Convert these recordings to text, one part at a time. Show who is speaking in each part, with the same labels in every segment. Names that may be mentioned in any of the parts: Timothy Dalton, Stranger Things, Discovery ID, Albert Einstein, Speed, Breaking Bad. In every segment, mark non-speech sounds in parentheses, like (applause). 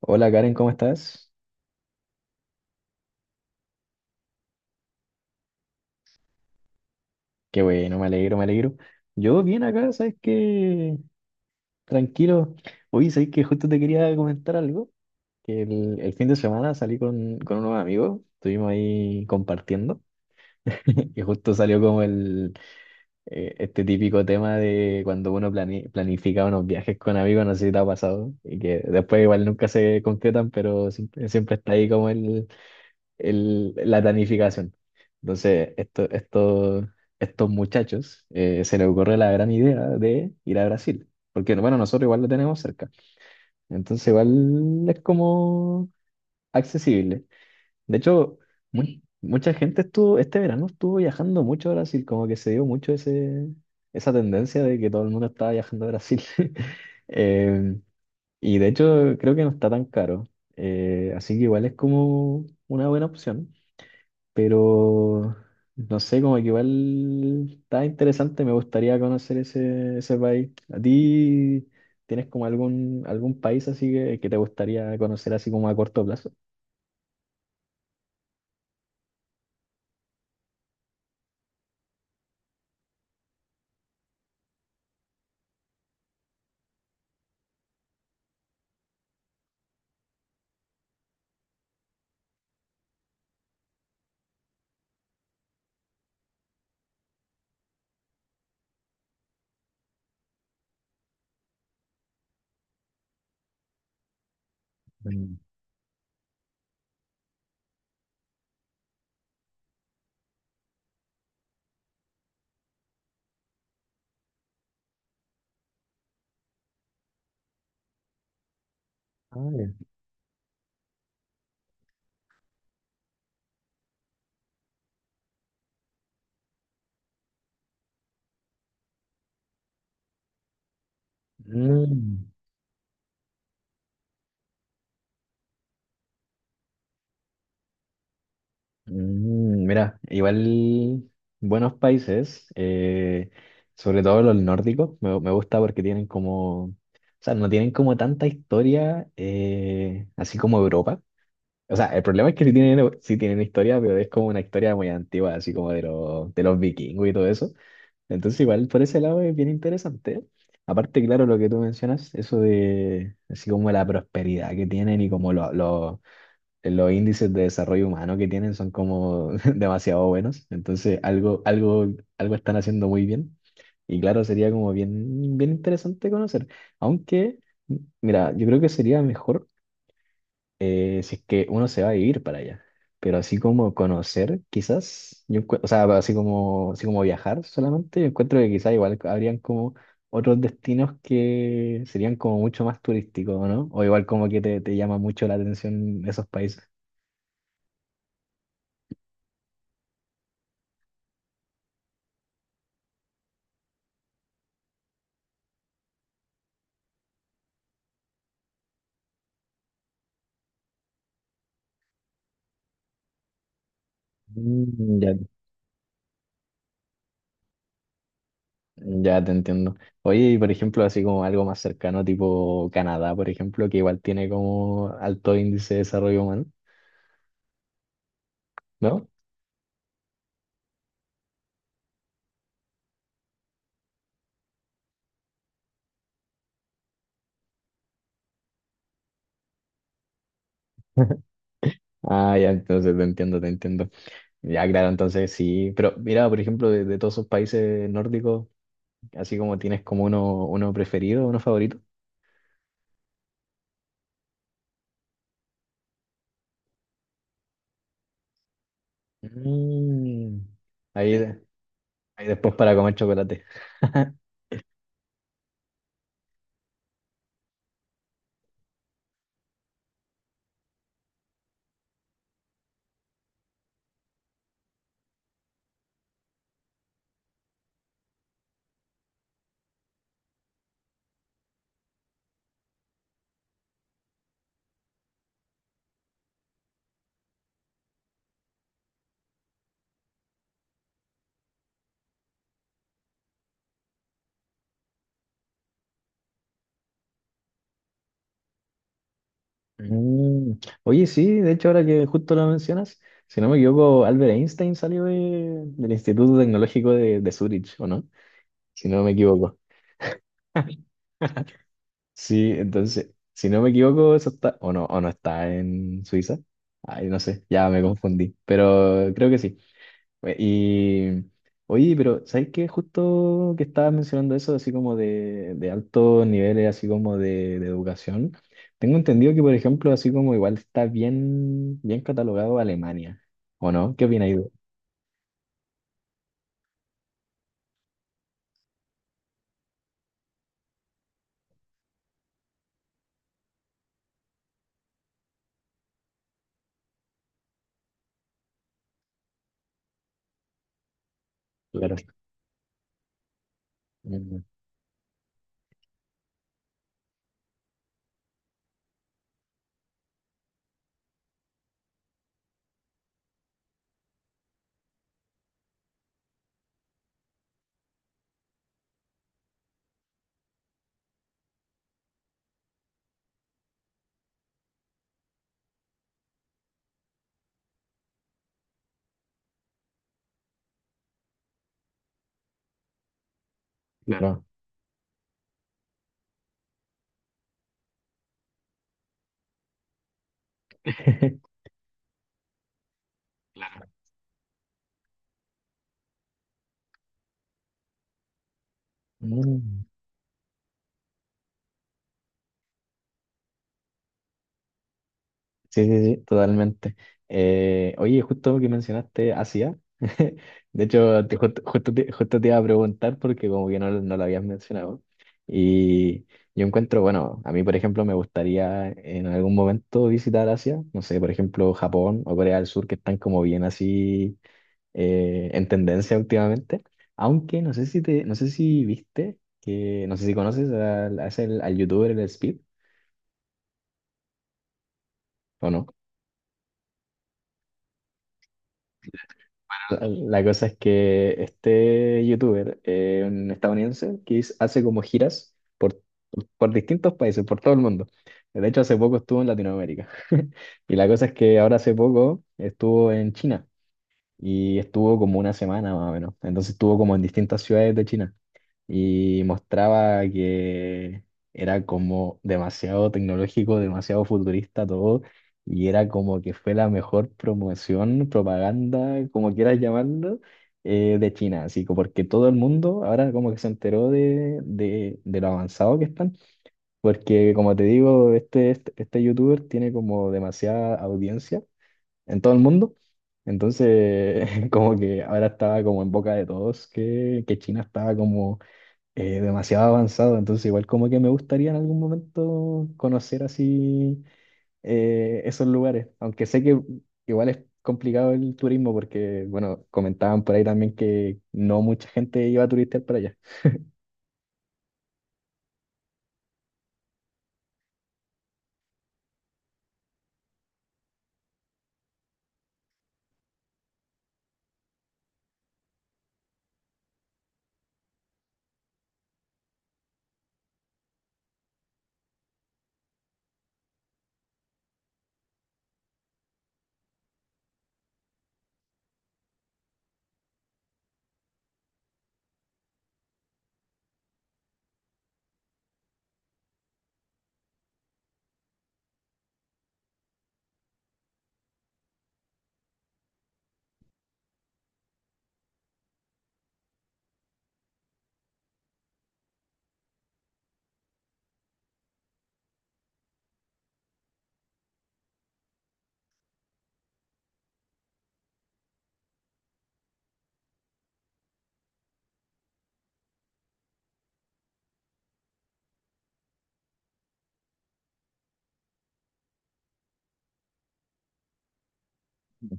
Speaker 1: Hola Karen, ¿cómo estás? Qué bueno, me alegro, me alegro. Yo bien acá, ¿sabes qué? Tranquilo. Oye, ¿sabes que Justo te quería comentar algo, que el fin de semana salí con unos amigos, estuvimos ahí compartiendo. (laughs) Y justo salió como el típico tema de cuando uno planifica unos viajes con amigos, no sé si te ha pasado, y que después igual nunca se concretan, pero siempre, siempre está ahí como la planificación. Entonces, estos muchachos se les ocurre la gran idea de ir a Brasil, porque bueno, nosotros igual lo tenemos cerca, entonces igual es como accesible. De hecho, mu- mucha gente estuvo, este verano estuvo viajando mucho a Brasil, como que se dio mucho esa tendencia de que todo el mundo estaba viajando a Brasil. (laughs) Em, y de hecho, creo que no está tan caro. Así que igual es como una buena opción. Pero no sé, como que igual está interesante, me gustaría conocer ese país. ¿A ti tienes como algún país así que te gustaría conocer así como a corto plazo? Mm. Ah, ya. Mm, mm, mira, igual buenos países, sobre todo los nórdicos, me gusta porque tienen como, o sea, no tienen como tanta historia, así como Europa. O sea, el problema es que sí tienen historia, pero es como una historia muy antigua, así como de de los vikingos y todo eso. Entonces, igual por ese lado es bien interesante. Aparte, claro, lo que tú mencionas, eso de así como la prosperidad que tienen y como los índices de desarrollo humano que tienen son como (laughs) demasiado buenos. Entonces, algo están haciendo muy bien. Y claro, sería como bien, bien interesante conocer. Aunque, mira, yo creo que sería mejor si es que uno se va a vivir para allá. Pero así como conocer, quizás, yo, o sea, así como viajar solamente, yo encuentro que quizás igual habrían como otros destinos que serían como mucho más turísticos, ¿no? O igual como que te llama mucho la atención esos países. Mm. Ya, ya te entiendo. Oye, y por ejemplo, así como algo más cercano, tipo Canadá, por ejemplo, que igual tiene como alto índice de desarrollo humano, ¿no? Ah, ya, entonces te entiendo, te entiendo. Ya, claro, entonces sí, pero mira, por ejemplo, de todos esos países nórdicos, así como tienes como uno preferido, uno favorito. Mm. Ahí, ahí después para comer chocolate. (laughs) Mm. Oye, sí, de hecho, ahora que justo lo mencionas, si no me equivoco, Albert Einstein salió del Instituto Tecnológico de Zurich, ¿o no? Si no me equivoco. (laughs) Sí, entonces, si no me equivoco, eso está, o no está en Suiza. Ay, no sé, ya me confundí, pero creo que sí. Y oye, pero ¿sabes qué? Justo que estabas mencionando eso, así como de altos niveles, así como de educación, tengo entendido que, por ejemplo, así como igual está bien, bien catalogado Alemania, ¿o no? ¿Qué opináis? Claro. Mm. Claro. No. (laughs) Claro. Mm. Sí, sí, sí, totalmente. Oye, justo que mencionaste Asia, (laughs) de hecho, justo, justo te iba a preguntar porque como que no, no lo habías mencionado. Y yo encuentro, bueno, a mí, por ejemplo, me gustaría en algún momento visitar Asia, no sé, por ejemplo, Japón o Corea del Sur, que están como bien así en tendencia últimamente. Aunque no sé si te, no sé si viste, que no sé si conoces a ese- al youtuber, el Speed, ¿o no? La cosa es que este youtuber, un estadounidense, hace como giras por distintos países, por todo el mundo. De hecho, hace poco estuvo en Latinoamérica. (laughs) Y la cosa es que ahora hace poco estuvo en China y estuvo como una semana más o menos. Entonces estuvo como en distintas ciudades de China y mostraba que era como demasiado tecnológico, demasiado futurista todo, y era como que fue la mejor promoción, propaganda, como quieras llamarlo, de China, así como porque todo el mundo ahora como que se enteró de lo avanzado que están, porque como te digo, este youtuber tiene como demasiada audiencia en todo el mundo. Entonces, (laughs) como que ahora estaba como en boca de todos que China estaba como demasiado avanzado, entonces igual como que me gustaría en algún momento conocer así esos lugares, aunque sé que igual es complicado el turismo porque, bueno, comentaban por ahí también que no mucha gente iba a turistear para allá.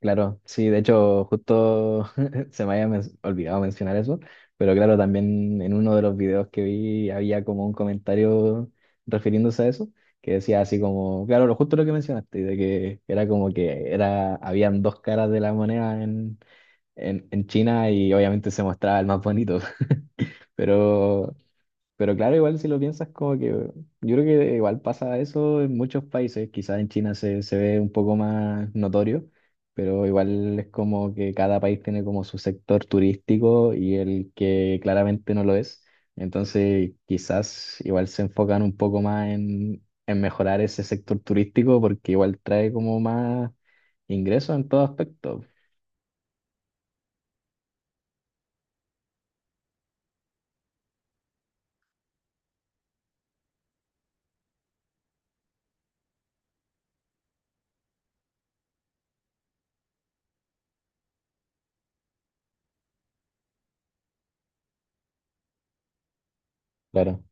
Speaker 1: Claro, sí, de hecho, justo, (laughs) se me había olvidado mencionar eso, pero claro, también en uno de los videos que vi había como un comentario refiriéndose a eso, que decía así como, claro, lo justo lo que mencionaste, de que era como que era, habían dos caras de la moneda en China y obviamente se mostraba el más bonito, (laughs) pero pero claro, igual si lo piensas, como que yo creo que igual pasa eso en muchos países, quizás en China se ve un poco más notorio, pero igual es como que cada país tiene como su sector turístico y el que claramente no lo es. Entonces, quizás igual se enfocan un poco más en mejorar ese sector turístico porque igual trae como más ingresos en todo aspecto. Claro.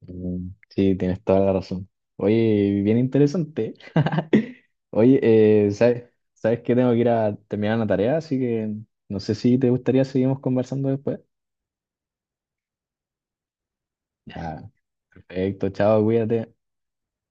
Speaker 1: Mm. Sí, tienes toda la razón. Oye, bien interesante. (laughs) Oye, ¿sabes, sabes que tengo que ir a terminar una tarea? Así que no sé si te gustaría seguimos conversando después. Ya, perfecto, chao, cuídate.